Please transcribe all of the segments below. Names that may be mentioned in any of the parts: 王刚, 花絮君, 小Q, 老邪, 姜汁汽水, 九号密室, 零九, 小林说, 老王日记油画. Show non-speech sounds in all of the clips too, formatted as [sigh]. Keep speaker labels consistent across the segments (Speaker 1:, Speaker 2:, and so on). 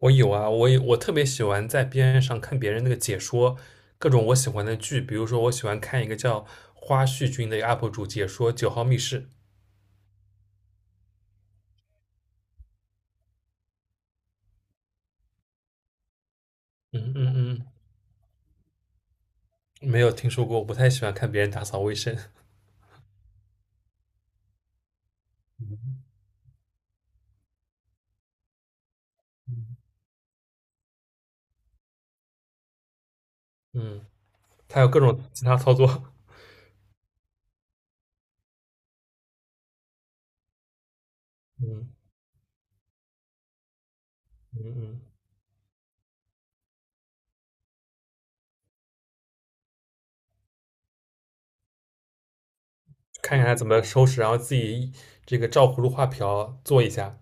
Speaker 1: 我有啊，我特别喜欢在边上看别人那个解说各种我喜欢的剧，比如说我喜欢看一个叫花絮君的 UP 主解说《九号密室》。嗯嗯嗯，没有听说过，我不太喜欢看别人打扫卫生。嗯，他有各种其他操作。嗯嗯嗯，看看他怎么收拾，然后自己这个照葫芦画瓢做一下。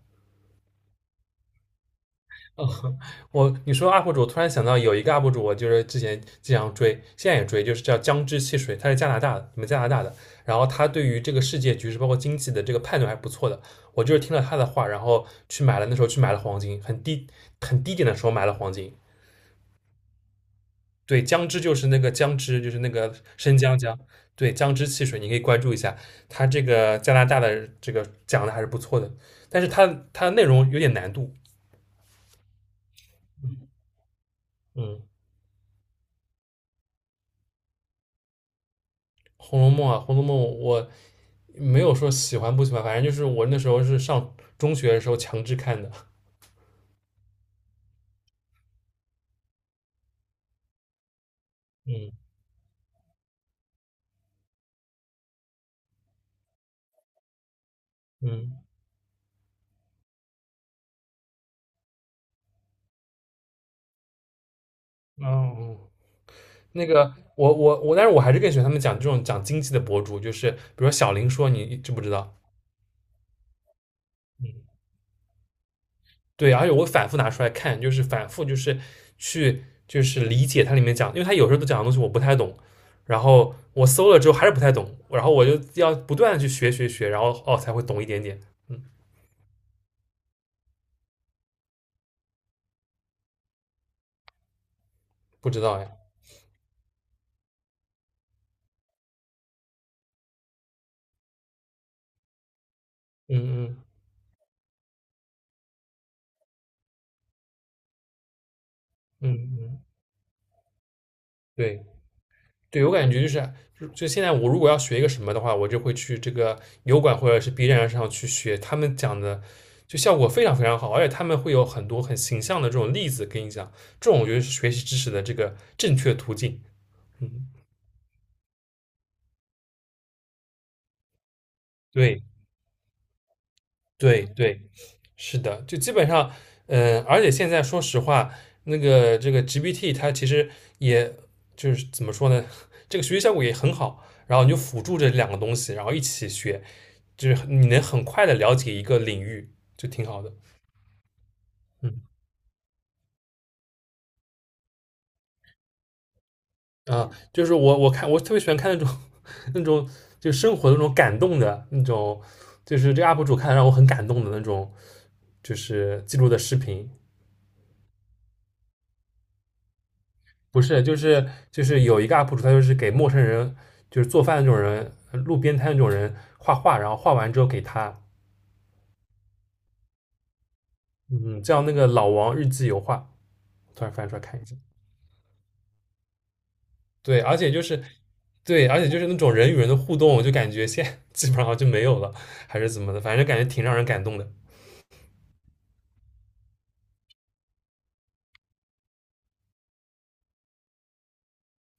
Speaker 1: [laughs] 嗯，你说 UP 主，我突然想到有一个 UP 主，我就是之前经常追，现在也追，就是叫姜汁汽水，他是加拿大的，你们加拿大的。然后他对于这个世界局势，包括经济的这个判断还不错的。我就是听了他的话，然后去买了，那时候去买了黄金，很低很低点的时候买了黄金。对，姜汁就是那个姜汁，就是那个生姜姜，对，姜汁汽水，你可以关注一下。他这个加拿大的这个讲的还是不错的，但是他的内容有点难度，嗯。《红楼梦》啊，《红楼梦》我没有说喜欢不喜欢，反正就是我那时候是上中学的时候强制看的。嗯嗯哦，哦那个我我我，但是我还是更喜欢他们讲这种讲经济的博主，就是比如说小林说，你知不知道？嗯，对，而且我反复拿出来看，就是反复就是去就是理解它里面讲，因为它有时候都讲的东西我不太懂，然后我搜了之后还是不太懂，然后我就要不断的去学学学，然后哦才会懂一点点。嗯，不知道哎。嗯嗯。嗯嗯，对对，我感觉就是就现在我如果要学一个什么的话，我就会去这个油管或者是 B 站上去学他们讲的，就效果非常非常好，而且他们会有很多很形象的这种例子跟你讲，这种我觉得是学习知识的这个正确途径。嗯，对对对。是的，就基本上，嗯、而且现在说实话，那个这个 GPT 它其实也就是怎么说呢，[laughs] 这个学习效果也很好，然后你就辅助这两个东西，然后一起学，就是你能很快的了解一个领域，就挺好的。嗯啊，就是我特别喜欢看那种 [laughs] 那种就生活的那种感动的那种，就是这个 UP 主看得让我很感动的那种，就是记录的视频，不是，就是有一个 UP 主，他就是给陌生人，就是做饭的那种人，路边摊那种人画画，然后画完之后给他，嗯，叫那个老王日记油画，突然翻出来看一下。对，而且就是对,而且就是那种人与人的互动，我就感觉现在基本上就没有了，还是怎么的，反正感觉挺让人感动的。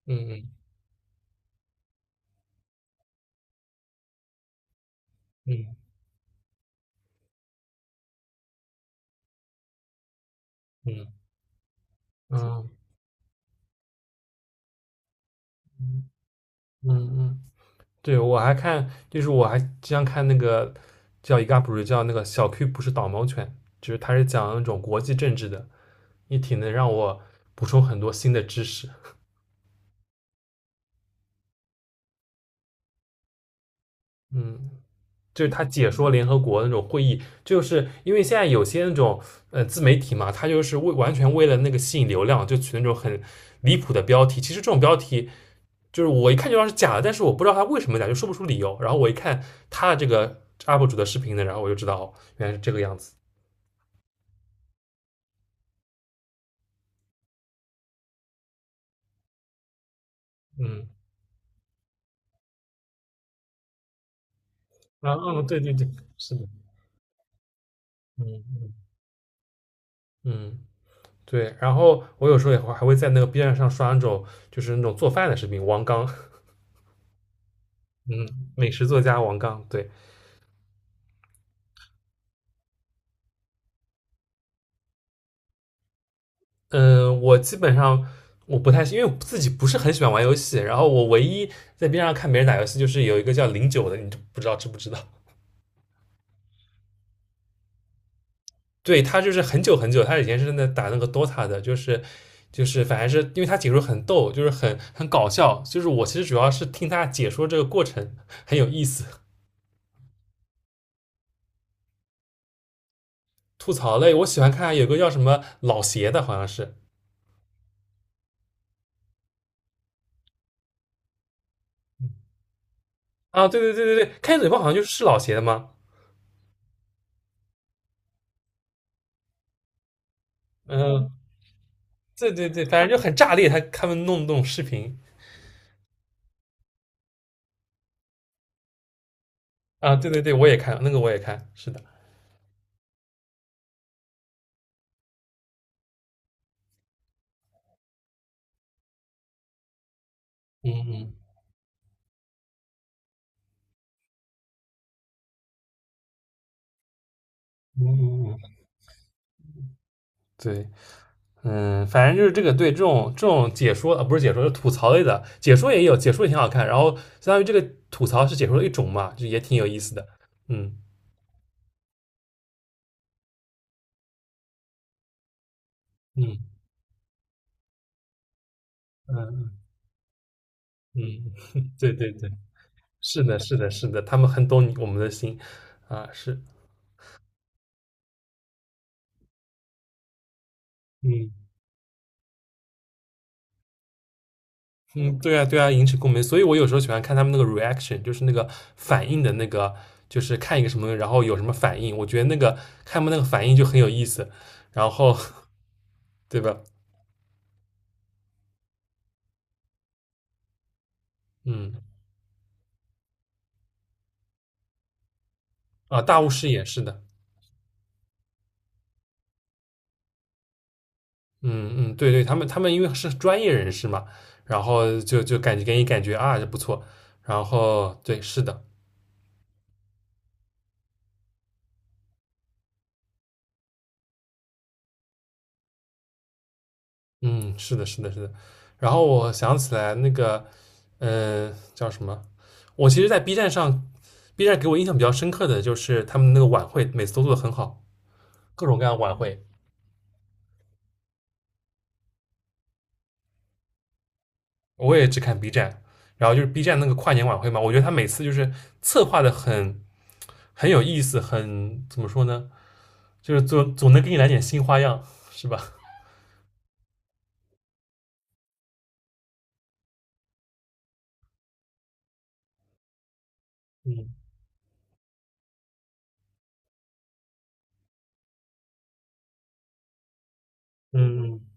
Speaker 1: 嗯嗯嗯嗯嗯嗯嗯，对，我还看，就是我还经常看那个叫一个 UP 主叫那个小 Q 不是导盲犬，就是他是讲那种国际政治的。也挺能让我补充很多新的知识。嗯，就是他解说联合国那种会议，就是因为现在有些那种自媒体嘛，他就是为完全为了那个吸引流量，就取那种很离谱的标题。其实这种标题就是我一看就知道是假的，但是我不知道他为什么假，就说不出理由。然后我一看他的这个 UP 主的视频呢，然后我就知道哦，原来是这个样子。嗯，啊，嗯，对对对，是的，嗯嗯嗯。对，然后我有时候还会在那个 B 站上刷那种就是那种做饭的视频，王刚，嗯，美食作家王刚，对，嗯，我基本上我不太，因为我自己不是很喜欢玩游戏，然后我唯一在 B 站上看别人打游戏，就是有一个叫零九的，你不知道知不知道？对他就是很久很久，他以前是在打那个 DOTA 的，就是反正是因为他解说很逗，就是很搞笑，就是我其实主要是听他解说这个过程很有意思，吐槽类，我喜欢看有个叫什么老邪的，好像是。啊，对对对对对，开嘴炮好像就是老邪的吗？嗯，对对对，反正就很炸裂，他们弄的那种视频啊，对对对，我也看，是的，嗯嗯嗯嗯嗯，对，嗯，反正就是这个对这种解说啊，不是解说，是吐槽类的，解说也有，解说也挺好看，然后相当于这个吐槽是解说的一种嘛，就也挺有意思的，嗯嗯嗯嗯，[laughs] 对对对，是的，是的，是的，他们很懂我们的心啊，是，嗯嗯，对啊，对啊，引起共鸣。所以我有时候喜欢看他们那个 reaction,就是那个反应的那个，就是看一个什么，然后有什么反应。我觉得那个看他们那个反应就很有意思，然后 [laughs] 对吧？嗯，啊，大巫师也是的。嗯嗯，对对，他们因为是专业人士嘛，然后就感觉给你感觉啊，就不错。然后对，是的，嗯，是的，是的，是的。然后我想起来那个，嗯、叫什么？我其实，在 B 站上，B 站给我印象比较深刻的就是他们那个晚会，每次都做的很好，各种各样的晚会，我也只看 B 站。然后就是 B 站那个跨年晚会嘛，我觉得他每次就是策划的很有意思，很怎么说呢，就是总能给你来点新花样，是吧？嗯嗯，嗯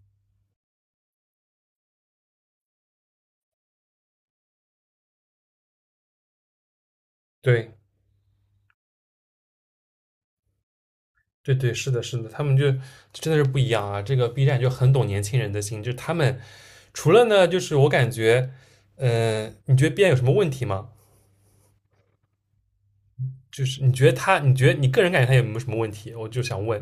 Speaker 1: 对对对，是的，是的，他们就真的是不一样啊。这个 B 站就很懂年轻人的心，就是他们除了呢，就是我感觉，你觉得 B 站有什么问题吗？就是你觉得你个人感觉他有没有什么问题？我就想问，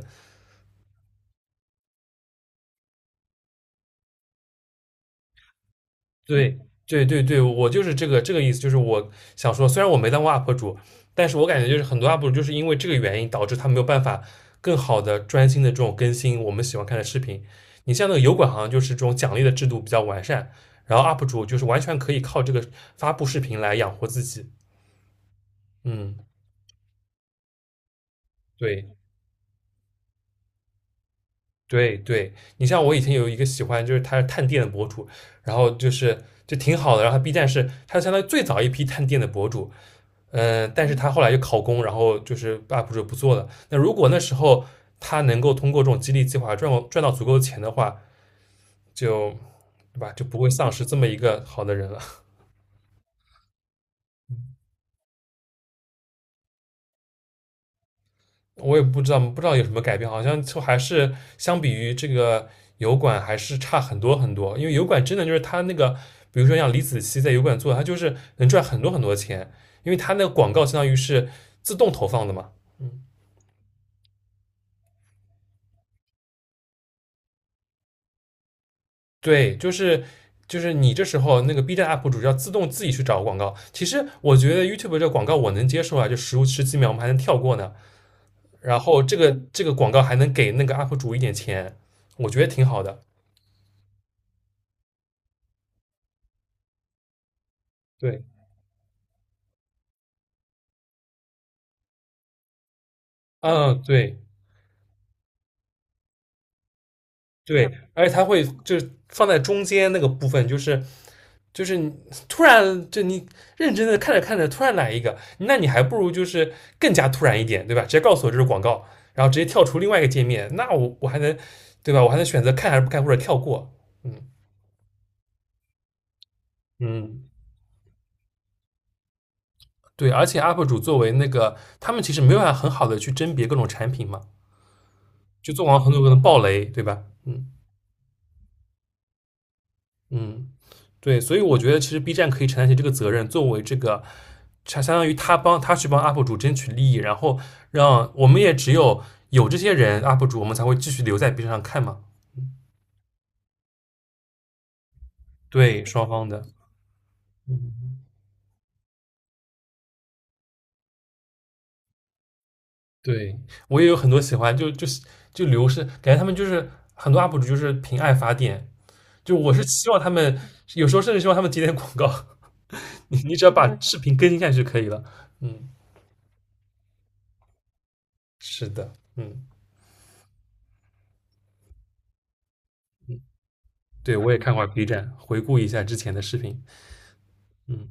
Speaker 1: 对对对对，我就是这个意思，就是我想说，虽然我没当过 UP 主，但是我感觉就是很多 UP 主就是因为这个原因导致他没有办法更好的专心的这种更新我们喜欢看的视频。你像那个油管，好像就是这种奖励的制度比较完善，然后 UP 主就是完全可以靠这个发布视频来养活自己。嗯，对，对对，你像我以前有一个喜欢，就是他是探店的博主，然后就是就挺好的，然后他 B 站是他相当于最早一批探店的博主，嗯、但是他后来就考公，然后就是 UP 主不做了。那如果那时候他能够通过这种激励计划赚到足够的钱的话，就对吧，就不会丧失这么一个好的人了。我也不知道，不知道有什么改变，好像就还是相比于这个油管还是差很多很多。因为油管真的就是它那个，比如说像李子柒在油管做，它就是能赚很多很多钱，因为它那个广告相当于是自动投放的嘛。嗯，对，就是你这时候那个 B 站 UP 主要自动自己去找广告。其实我觉得 YouTube 这个广告我能接受啊，就十几秒我们还能跳过呢。然后这个广告还能给那个 UP 主一点钱，我觉得挺好的。对，嗯，对。对，而且它会就是放在中间那个部分，就是你突然认真的看着看着，突然来一个，那你还不如就是更加突然一点，对吧？直接告诉我这是广告，然后直接跳出另外一个界面，那我还能对吧？我还能选择看还是不看或者跳过，嗯嗯，对，而且 UP 主作为那个他们其实没有办法很好的去甄别各种产品嘛，就做完很多可能爆雷，对吧？嗯嗯。对，所以我觉得其实 B 站可以承担起这个责任，作为这个，相当于他去帮 UP 主争取利益，然后让我们也只有这些人 UP 主，我们才会继续留在 B 站上看嘛。对，双方的，嗯，对我也有很多喜欢，就流失，感觉他们就是很多 UP 主就是凭爱发电，就我是希望他们有时候甚至希望他们接点广告，[laughs] 你只要把视频更新下去就可以了。嗯，是的，嗯，对我也看过 B 站，回顾一下之前的视频，嗯。